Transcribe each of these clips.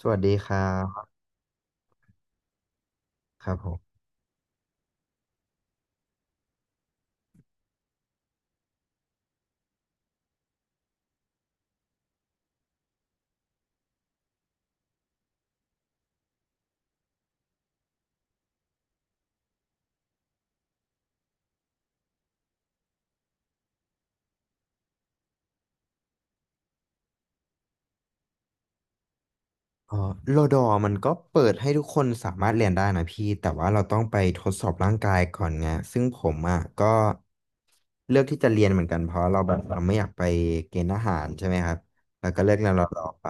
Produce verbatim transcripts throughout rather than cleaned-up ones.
สวัสดีครับครับผมอ๋อโลดอมันก็เปิดให้ทุกคนสามารถเรียนได้นะพี่แต่ว่าเราต้องไปทดสอบร่างกายก่อนไงซึ่งผมอ่ะก็เลือกที่จะเรียนเหมือนกันเพราะเราแบบเราไม่อยากไปเกณฑ์ทหารใช่ไหมครับแล้วก็เลือกเรียนรอดอไป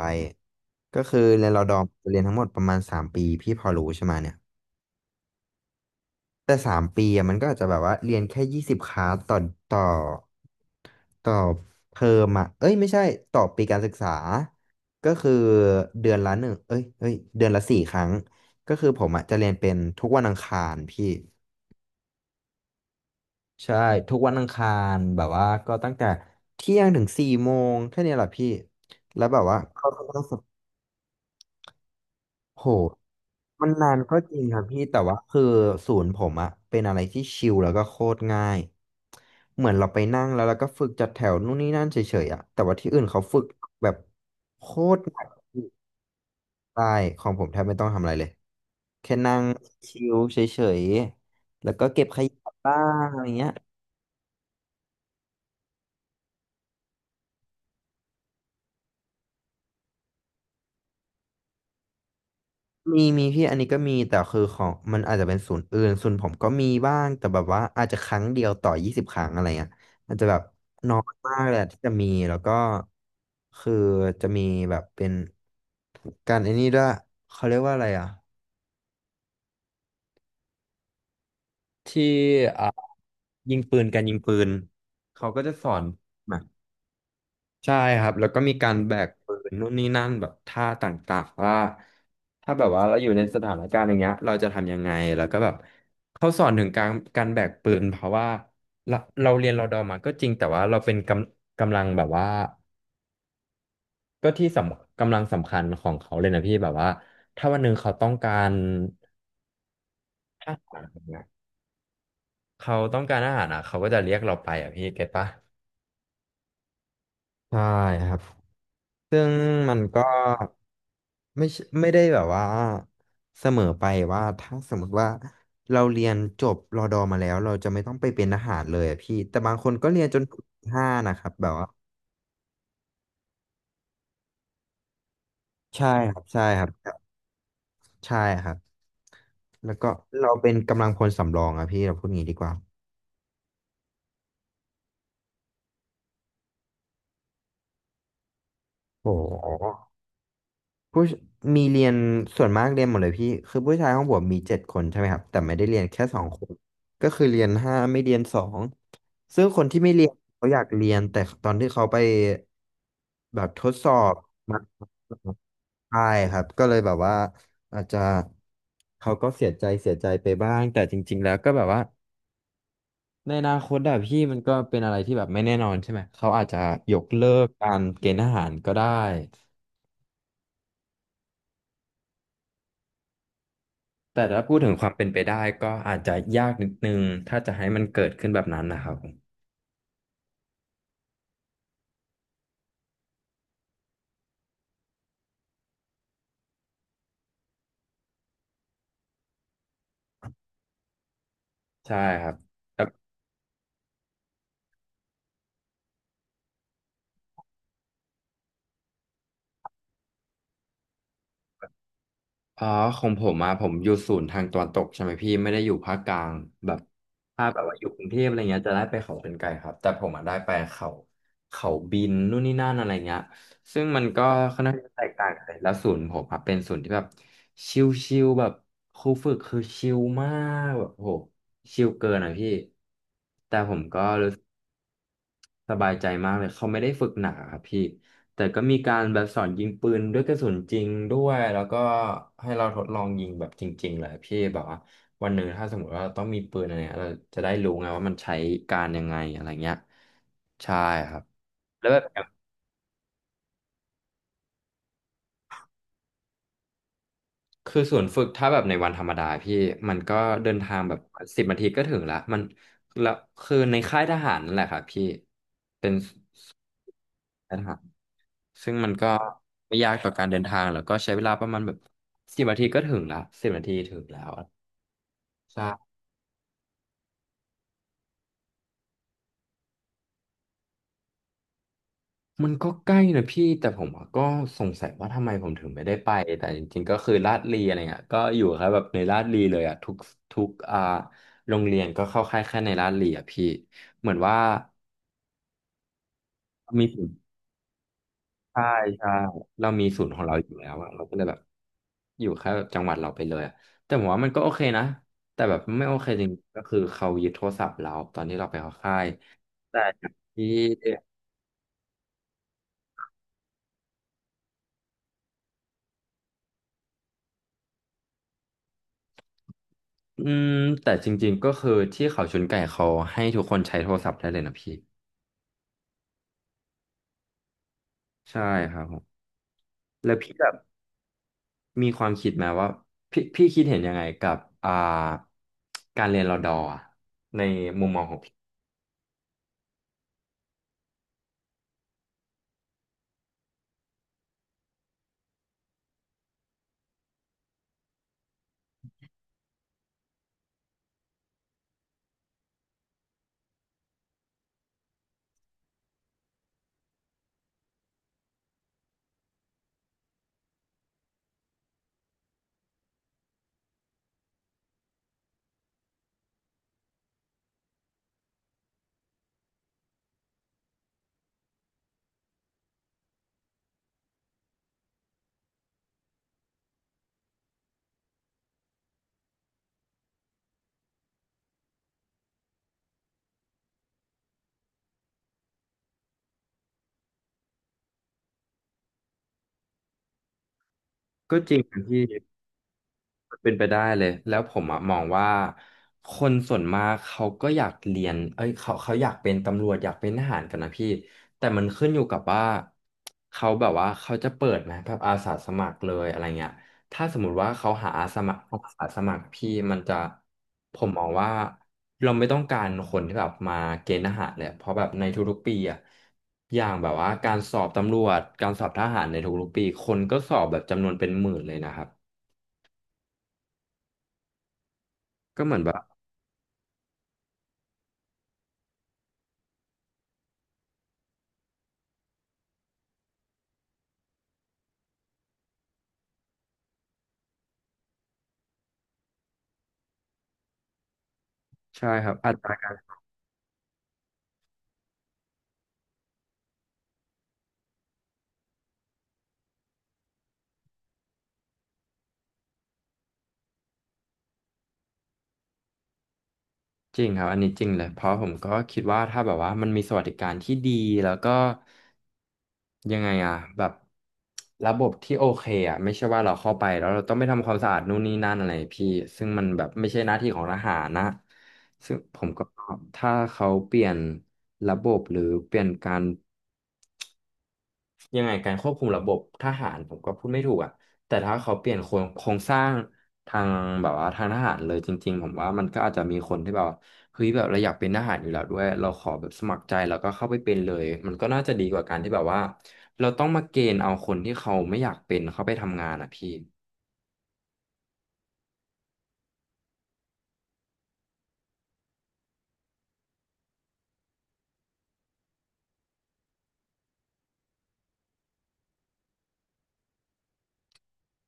ก็คือเรียนรอดอจะเรียนทั้งหมดประมาณสามปีพี่พอรู้ใช่ไหมเนี่ย แต่สามปีอะมันก็อาจจะแบบว่าเรียนแค่ยี่สิบคลาสต่อต่อต่อเทอมอ่ะเอ้ยไม่ใช่ต่อปีการศึกษาก็คือเดือนละหนึ่งเอ้ยเอ้ยเดือนละสี่ครั้งก็คือผมอ่ะจะเรียนเป็นทุกวันอังคารพี่ใช่ทุกวันอังคารแบบว่าก็ตั้งแต่เที่ยงถึงสี่โมงแค่เนี้ยแหละพี่แล้วแบบว่า โหมันนานก็จริงครับพี่แต่ว่าคือศูนย์ผมอะเป็นอะไรที่ชิลแล้วก็โคตรง่ายเหมือนเราไปนั่งแล้วเราก็ฝึกจัดแถวนู่นนี่นั่นเฉยๆอะแต่ว่าที่อื่นเขาฝึกแบบโคตรหนักใช่ของผมแทบไม่ต้องทำอะไรเลยแค่นั่งชิลเฉยๆแล้วก็เก็บขยะบ้างอะไรเงี้ย มีมีพี่อันนี้ก็มีแต่คือของมันอาจจะเป็นศูนย์อื่นศูนย์ผมก็มีบ้างแต่แบบว่าอาจจะครั้งเดียวต่อยี่สิบครั้งอะไรเงี้ยอาจจะแบบน้อยมากเลยอะที่จะมีแล้วก็คือจะมีแบบเป็นการไอ้นี่ด้วยเขาเรียกว่าอะไรอ่ะที่อ่ายิงปืนการยิงปืนเขาก็จะสอน ใช่ครับแล้วก็มีการแบกปืนนู่นนี่นั่นแบบท่าต่างๆว่าถ้าแบบว่าเราอยู่ในสถานการณ์อย่างเงี้ยเราจะทำยังไงแล้วก็แบบเขาสอนถึงการการแบกปืนเพราะว่าเราเราเรียนรอดอมาก็จริงแต่ว่าเราเป็นกำกำลังแบบว่าก็ที่สำกำลังสำคัญของเขาเลยนะพี่แบบว่าถ้าวันหนึ่งเขาต้องการอาหารเนะเขาต้องการอาหารอ่ะเขาก็จะเรียกเราไปอ่ะพี่เก็ตปะใช่ครับซึ่งมันก็ ไม่ใช่ไม่ได้แบบว่าเสมอไปว่าถ้าสมมติว่าเราเรียนจบรอดอมาแล้วเราจะไม่ต้องไปเป็นทหารเลยอะพี่แต่บางคนก็เรียนจนถึงห้านะครับแบบว่าใช่ครับใช่ครับใช่ครับแล้วก็เราเป็นกำลังพลสำรองอะพี่เราพูดงี้ดีกว่าโอ้โห ผู้ชมีเรียนส่วนมากเรียนหมดเลยพี่คือผู้ชายห้องผมมีเจ็ดคนใช่ไหมครับแต่ไม่ได้เรียนแค่สองคนก็คือเรียนห้าไม่เรียนสองซึ่งคนที่ไม่เรียนเขาอยากเรียนแต่ตอนที่เขาไปแบบทดสอบมาใช่ครับก็เลยแบบว่าอาจจะเขาก็เสียใจเสียใจไปบ้างแต่จริงๆแล้วก็แบบว่าในอนาคตอะพี่มันก็เป็นอะไรที่แบบไม่แน่นอนใช่ไหมเขาอาจจะยกเลิกการเกณฑ์ทหารก็ได้ แต่ถ้าพูดถึงความเป็นไปได้ก็อาจจะยากนิดนึงถ้าจะให้มันเกิดขึ้นแบบนั้นนะครับใช่ครับแบบอ๋อของผมมาผมอยู่ศูนย์ทางตะวันตกใช่ไหมพี่ไม่ได้อยู่ภาคกลางแบบถ้าแบบว่าอยู่กรุงเทพอะไรเงี้ยจะได้ไปเขาเป็นไกลครับแต่ผมอ่ะได้ไปเขาเขาบินนู่นนี่นั่นอะไรเงี้ยซึ่งมันก็ค่อนข้างจะแตกต่างกันแล้วศูนย์ผมอ่ะเป็นศูนย์ที่แบบชิลๆแบบครูฝึกคือชิลมากแบบโหชิลเกินอ่ะพี่แต่ผมก็รู้ สบายใจมากเลยเขาไม่ได้ฝึกหนาครับพี่แต่ก็มีการแบบสอนยิงปืนด้วยกระสุนจริงด้วยแล้วก็ให้เราทดลองยิงแบบจริงๆเลยพี่แบบว่าวันหนึ่งถ้าสมมติว่าเราต้องมีปืนอะไรเงี้ยเราจะได้รู้ไงว่ามันใช้การยังไงอะไรเงี้ยใช่ครับแล้วแบบคือส่วนย์ฝึกถ้าแบบในวันธรรมดาพี่มันก็เดินทางแบบสิบนาทีก็ถึงละมันแล้วคือในค่ายทหารนั่นแหละครับพี่เป็นค่ายทหาร ซึ่งมันก็ไม่ยากต่อการเดินทางแล้วก็ใช้เวลาประมาณแบบสิบนาทีก็ถึงละสิบนาทีถึงแล้วอะใช่มันก็ใกล้นะพี่แต่ผมอะก็สงสัยว่าทำไมผมถึงไม่ได้ไปแต่จริงๆก็คือลาดลีอะไรเงี้ยก็อยู่แค่แบบในลาดลีเลยอ่ะทุกทุกอ่าโรงเรียนก็เข้าค่ายแค่ในลาดลีอ่ะพี่เหมือนว่ามี ใช่ใช่เรามีศูนย์ของเราอยู่แล้วอะเราก็เลยแบบอยู่แค่จังหวัดเราไปเลยอะแต่ผมว่ามันก็โอเคนะแต่แบบไม่โอเคจริงก็คือเขายึดโทรศัพท์เราตอนที่เราไปเข้าค่ายแต่ที่อืมแต่จริงๆก็คือที่เขาชนไก่เขาให้ทุกคนใช้โทรศัพท์ได้เลยนะพี่ใช่ครับผมแล้วพี่แบบมีความคิดไหมว่าพี่พี่คิดเห็นยังไงกับอ่าการเรียนรอดอร์อะในมุมมองของพี่ก็จริงนะพี่ เป็นไปได้เลยแล้วผมอะมองว่าคนส่วนมากเขาก็อยากเรียนเอ้ยเขาเขาอยากเป็นตำรวจอยากเป็นทหารกันนะพี่แต่มันขึ้นอยู่กับว่าเขาแบบว่าเขาจะเปิดไหมแบบอาสาสมัครเลยอะไรเงี้ยถ้าสมมติว่าเขาหาอาสาสมัครอาสาสมัครพี่มันจะผมมองว่าเราไม่ต้องการคนที่แบบมาเกณฑ์ทหารเลยเพราะแบบในทุกๆปีอะอย่างแบบว่าการสอบตำรวจการสอบทหารในทุกๆปีคนก็สอบแบบจำนวนเป็นหมื่นเลยนะครับก็เหมือนแบบ ใช่ครับอัตราการจริงครับอันนี้จริงเลยเพราะผมก็คิดว่าถ้าแบบว่ามันมีสวัสดิการที่ดีแล้วก็ยังไงอะแบบระบบที่โอเคอะไม่ใช่ว่าเราเข้าไปแล้วเราต้องไปทำความสะอาดนู่นนี่นั่นอะไรพี่ซึ่งมันแบบไม่ใช่หน้าที่ของทหารนะซึ่งผมก็ถ้าเขาเปลี่ยนระบบหรือเปลี่ยนการ ยังไงการควบคุมระบบทหารผมก็พูดไม่ถูกอ่ะแต่ถ้าเขาเปลี่ยนโครงโครงสร้างทางแบบว่าทางทหารเลยจริงๆผมว่ามันก็อาจจะมีคนที่แบบว่าเฮ้ยแบบเราอยากเป็นทหารอยู่แล้วด้วยเราขอแบบสมัครใจแล้วก็เข้าไปเป็นเลยมันก็น่าจะดีกว่าการที่แบบว่าเราต้องมาเกณฑ์เอาคนที่เขาไม่อยากเป็นเข้าไปทำงานอ่ะพี่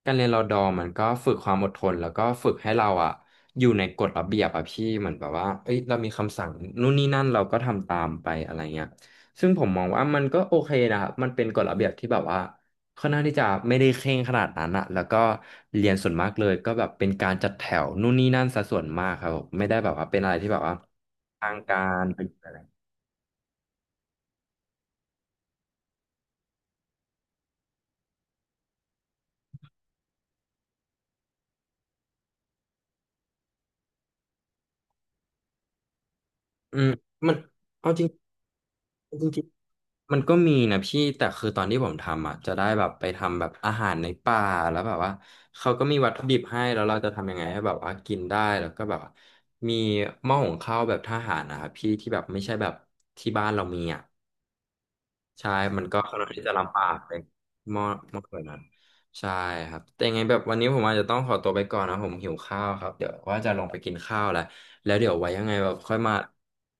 การเรียนรอดอร์มันก็ฝึกความอดทนแล้วก็ฝึกให้เราอะอยู่ในกฎระเบียบอะพี่เหมือนแบบว่าเอ้ยเรามีคำสั่งนู่นนี่นั่นเราก็ทำตามไปอะไรเงี้ยซึ่งผมมองว่ามันก็โอเคนะครับมันเป็นกฎระเบียบที่แบบว่าค่อนข้างที่จะไม่ได้เคร่งขนาดนั้นอะแล้วก็เรียนส่วนมากเลยก็แบบเป็นการจัดแถวนู่นนี่นั่นซะส่วนมากครับผมไม่ได้แบบว่าเป็นอะไรที่แบบว่าทางการเป็นอืมมันเอาจริงจริง มันก็มีนะพี่แต่คือตอนที่ผมทำอ่ะจะได้แบบไปทำแบบอาหารในป่าแล้วแบบว่าเขาก็มีวัตถุดิบให้แล้วเราจะทำยังไงให้แบบว่ากินได้แล้วก็แบบว่ามีหม้อหุงข้าวแบบทหารนะครับพี่ที่แบบไม่ใช่แบบที่บ้านเรามีอ่ะใช่มันก็ค่อนข้างที่จะลำบากเลยหม้อหม้อแบบนั้นใช่ครับแต่ยังไงแบบวันนี้ผมอาจจะต้องขอตัวไปก่อนนะผมหิวข้าวครับเดี๋ยวว่าจะลงไปกินข้าวแล้วแล้วเดี๋ยวไว้ยังไงแบบค่อยมา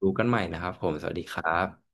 ดูกันใหม่นะครับผมสวัสดีครับ